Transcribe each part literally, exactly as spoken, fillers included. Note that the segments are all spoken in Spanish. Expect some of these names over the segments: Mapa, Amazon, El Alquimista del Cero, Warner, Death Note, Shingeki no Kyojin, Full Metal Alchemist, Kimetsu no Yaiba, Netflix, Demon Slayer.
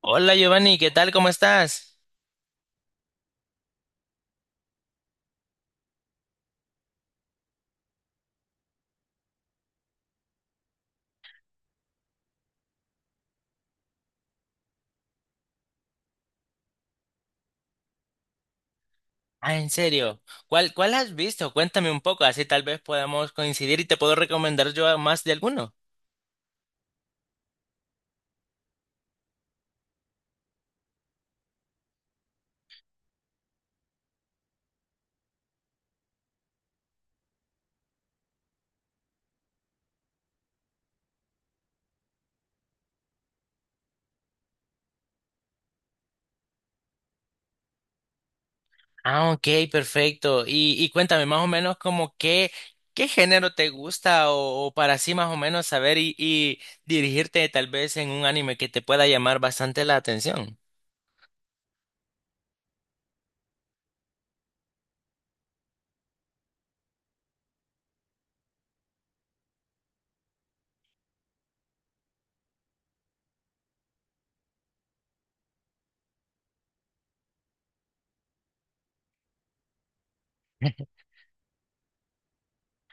Hola Giovanni, ¿qué tal? ¿Cómo estás? Ah, en serio. ¿Cuál, cuál has visto? Cuéntame un poco, así tal vez podamos coincidir y te puedo recomendar yo a más de alguno. Ah, ok, perfecto. Y, y cuéntame más o menos como qué, qué género te gusta o, o para así más o menos saber y, y dirigirte tal vez en un anime que te pueda llamar bastante la atención.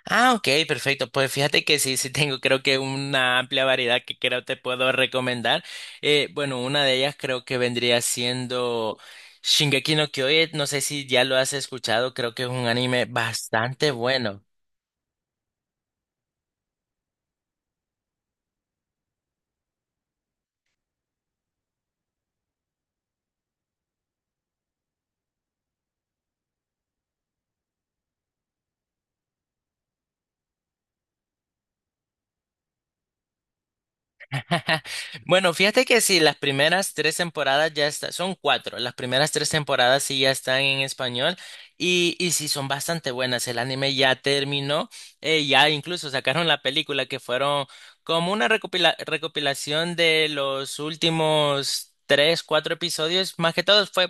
Ah, ok, perfecto. Pues fíjate que sí, sí tengo creo que una amplia variedad que creo te puedo recomendar. Eh, bueno, una de ellas creo que vendría siendo Shingeki no Kyojin. No sé si ya lo has escuchado, creo que es un anime bastante bueno. Bueno, fíjate que sí, las primeras tres temporadas ya están, son cuatro, las primeras tres temporadas sí ya están en español y, y sí son bastante buenas. El anime ya terminó, eh, ya incluso sacaron la película que fueron como una recopila- recopilación de los últimos tres, cuatro episodios. Más que todo fue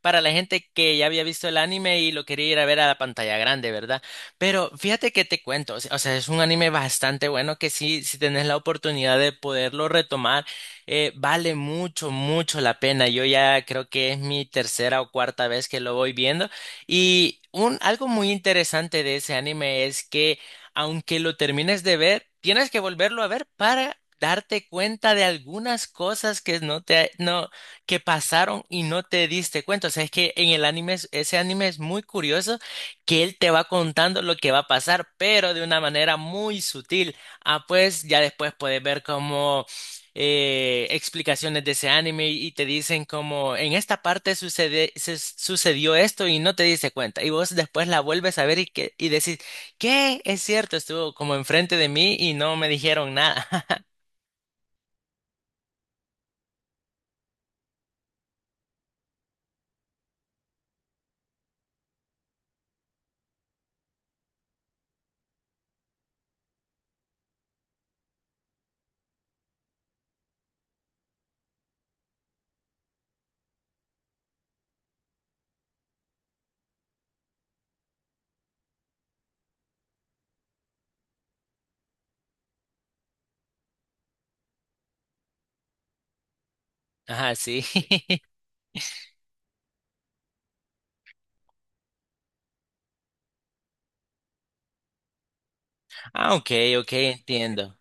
para la gente que ya había visto el anime y lo quería ir a ver a la pantalla grande, ¿verdad? Pero fíjate que te cuento, o se- o sea, es un anime bastante bueno que sí, si tenés la oportunidad de poderlo retomar, eh, vale mucho, mucho la pena. Yo ya creo que es mi tercera o cuarta vez que lo voy viendo. Y un, algo muy interesante de ese anime es que aunque lo termines de ver, tienes que volverlo a ver para darte cuenta de algunas cosas que no te, no, que pasaron y no te diste cuenta. O sea, es que en el anime, es- ese anime es muy curioso que él te va contando lo que va a pasar, pero de una manera muy sutil. Ah, pues ya después puedes ver como eh, explicaciones de ese anime y te dicen como en esta parte sucede, se- sucedió esto y no te diste cuenta. Y vos después la vuelves a ver y, que, y decís, ¿qué? Es cierto, estuvo como enfrente de mí y no me dijeron nada. Ajá, sí. Ah, ok, ok, entiendo.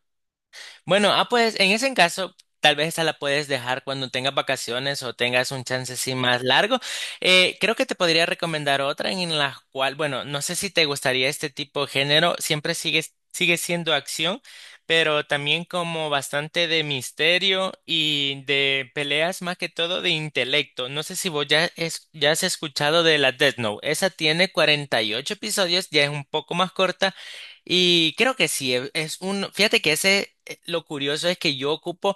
Bueno, ah, pues en ese caso, tal vez esa la puedes dejar cuando tengas vacaciones o tengas un chance así más largo. Eh, creo que te podría recomendar otra en la cual, bueno, no sé si te gustaría este tipo de género, siempre sigue, sigue siendo acción, pero también como bastante de misterio y de peleas más que todo de intelecto. No sé si vos ya, es, ya has escuchado de la Death Note. Esa tiene cuarenta y ocho episodios, ya es un poco más corta. Y creo que sí, e- es un, fíjate que ese lo curioso es que yo ocupo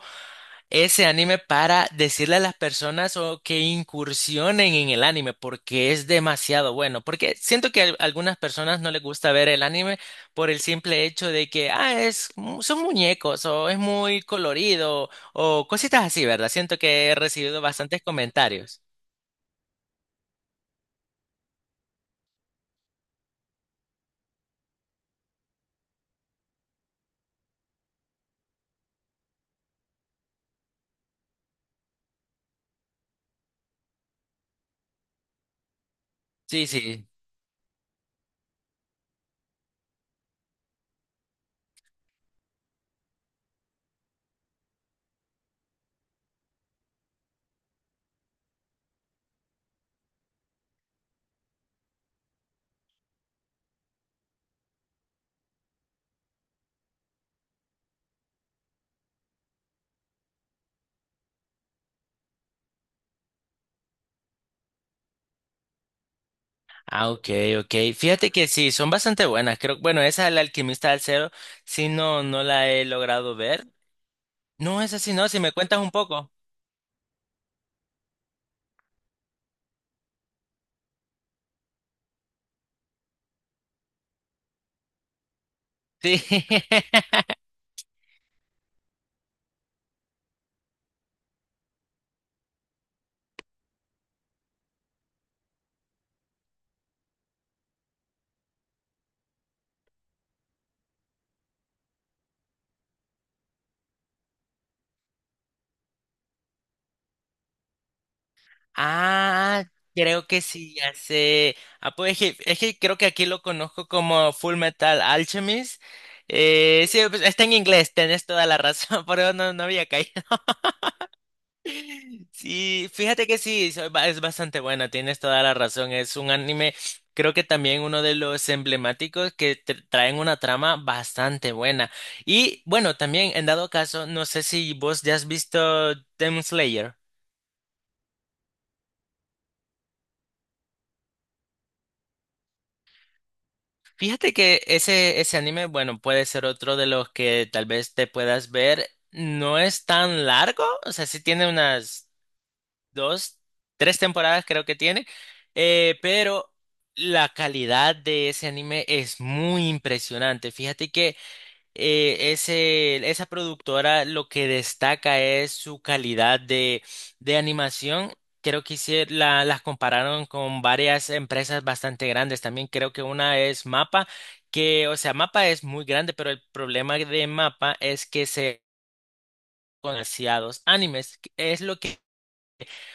ese anime para decirle a las personas o que incursionen en el anime porque es demasiado bueno. Porque siento que a algunas personas no les gusta ver el anime por el simple hecho de que, ah, es, mu- son muñecos o es muy colorido o cositas así, ¿verdad? Siento que he recibido bastantes comentarios. Sí, sí. Ah, ok, ok. Fíjate que sí, son bastante buenas. Creo, bueno, esa El Alquimista del Cero, sí, no, no la he logrado ver. No, esa sí, no, si me cuentas un poco. Sí. Ah, creo que sí, ya sé. Ah, pues es que, es que creo que aquí lo conozco como Full Metal Alchemist. Eh, sí, pues, está en inglés, tenés toda la razón, pero no, no había caído. Sí, fíjate que sí, so- ba- es bastante buena, tienes toda la razón. Es un anime, creo que también uno de los emblemáticos que tr- traen una trama bastante buena. Y bueno, también en dado caso, no sé si vos ya has visto Demon Slayer. Fíjate que ese, ese anime, bueno, puede ser otro de los que tal vez te puedas ver. No es tan largo, o sea, sí tiene unas dos, tres temporadas creo que tiene, eh, pero la calidad de ese anime es muy impresionante. Fíjate que eh, ese, esa productora lo que destaca es su calidad de, de animación. Creo que hicie- la, las compararon con varias empresas bastante grandes. También creo que una es Mapa, que, o sea, Mapa es muy grande, pero el problema de Mapa es que se demasiados animes. Es lo que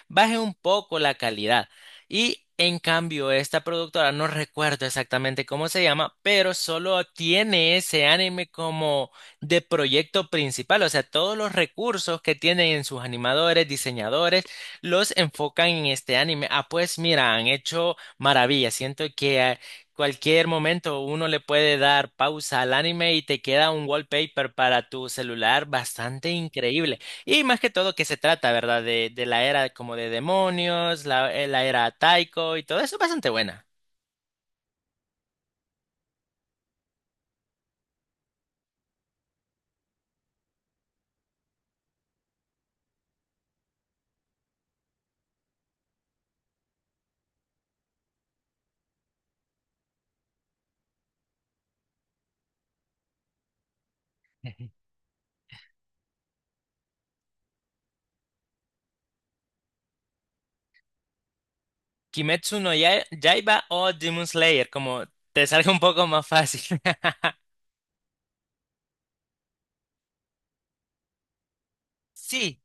baje un poco la calidad. Y en cambio, esta productora, no recuerdo exactamente cómo se llama, pero solo tiene ese anime como de proyecto principal. O sea, todos los recursos que tienen en sus animadores, diseñadores, los enfocan en este anime. Ah, pues mira, han hecho maravillas. Siento que a cualquier momento uno le puede dar pausa al anime y te queda un wallpaper para tu celular bastante increíble. Y más que todo que se trata, ¿verdad? De, de la era como de demonios, la, eh, la era Taiko y todo eso es bastante buena. Kimetsu no Ya- Yaiba o Demon Slayer, como te salga un poco más fácil. Sí,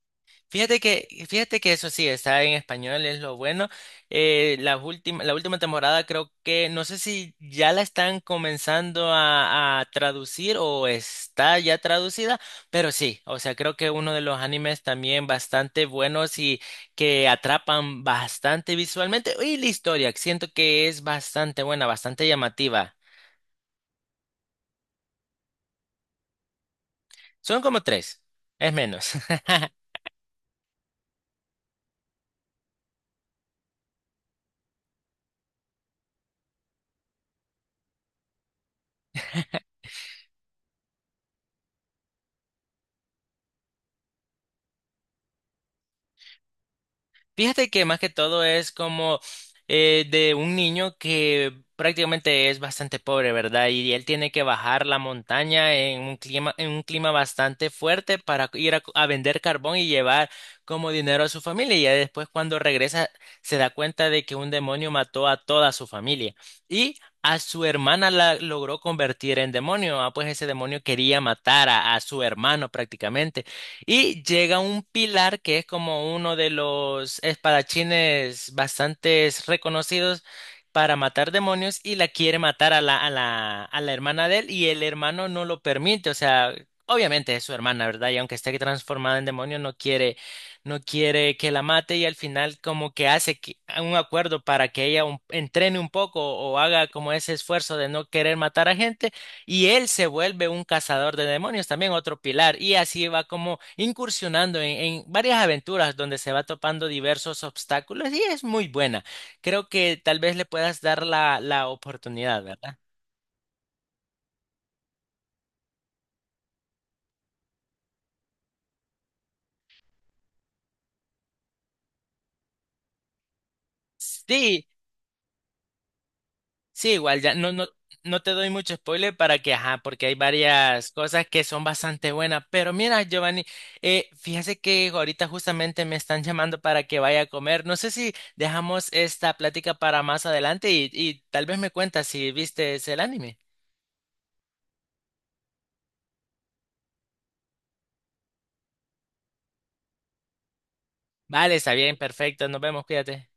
fíjate que, fíjate que eso sí, está en español, es lo bueno. Eh, la última, la última temporada creo que, no sé si ya la están comenzando a, a traducir o está ya traducida, pero sí, o sea, creo que uno de los animes también bastante buenos y que atrapan bastante visualmente. Y la historia, que siento que es bastante buena, bastante llamativa. Son como tres, es menos. Fíjate que más que todo es como eh, de un niño que prácticamente es bastante pobre, ¿verdad? Y él tiene que bajar la montaña en un clima, en un clima bastante fuerte para ir a, a vender carbón y llevar como dinero a su familia. Y ya después cuando regresa se da cuenta de que un demonio mató a toda su familia. Y a su hermana la logró convertir en demonio. Ah, pues ese demonio quería matar a a su hermano prácticamente. Y llega un pilar que es como uno de los espadachines bastante reconocidos para matar demonios y la quiere matar a la, a la, a la hermana de él y el hermano no lo permite. O sea, obviamente es su hermana, ¿verdad? Y aunque esté transformada en demonio, no quiere, no quiere que la mate y al final como que hace que- un acuerdo para que ella un- entrene un poco o haga como ese esfuerzo de no querer matar a gente. Y él se vuelve un cazador de demonios, también otro pilar, y así va como incursionando en, en varias aventuras donde se va topando diversos obstáculos y es muy buena. Creo que tal vez le puedas dar la, la oportunidad, ¿verdad? Sí, sí, igual ya no, no, no te doy mucho spoiler para que, ajá, porque hay varias cosas que son bastante buenas. Pero mira, Giovanni, eh, fíjese que ahorita justamente me están llamando para que vaya a comer. No sé si dejamos esta plática para más adelante y, y tal vez me cuentas si viste el anime. Vale, está bien, perfecto. Nos vemos, cuídate.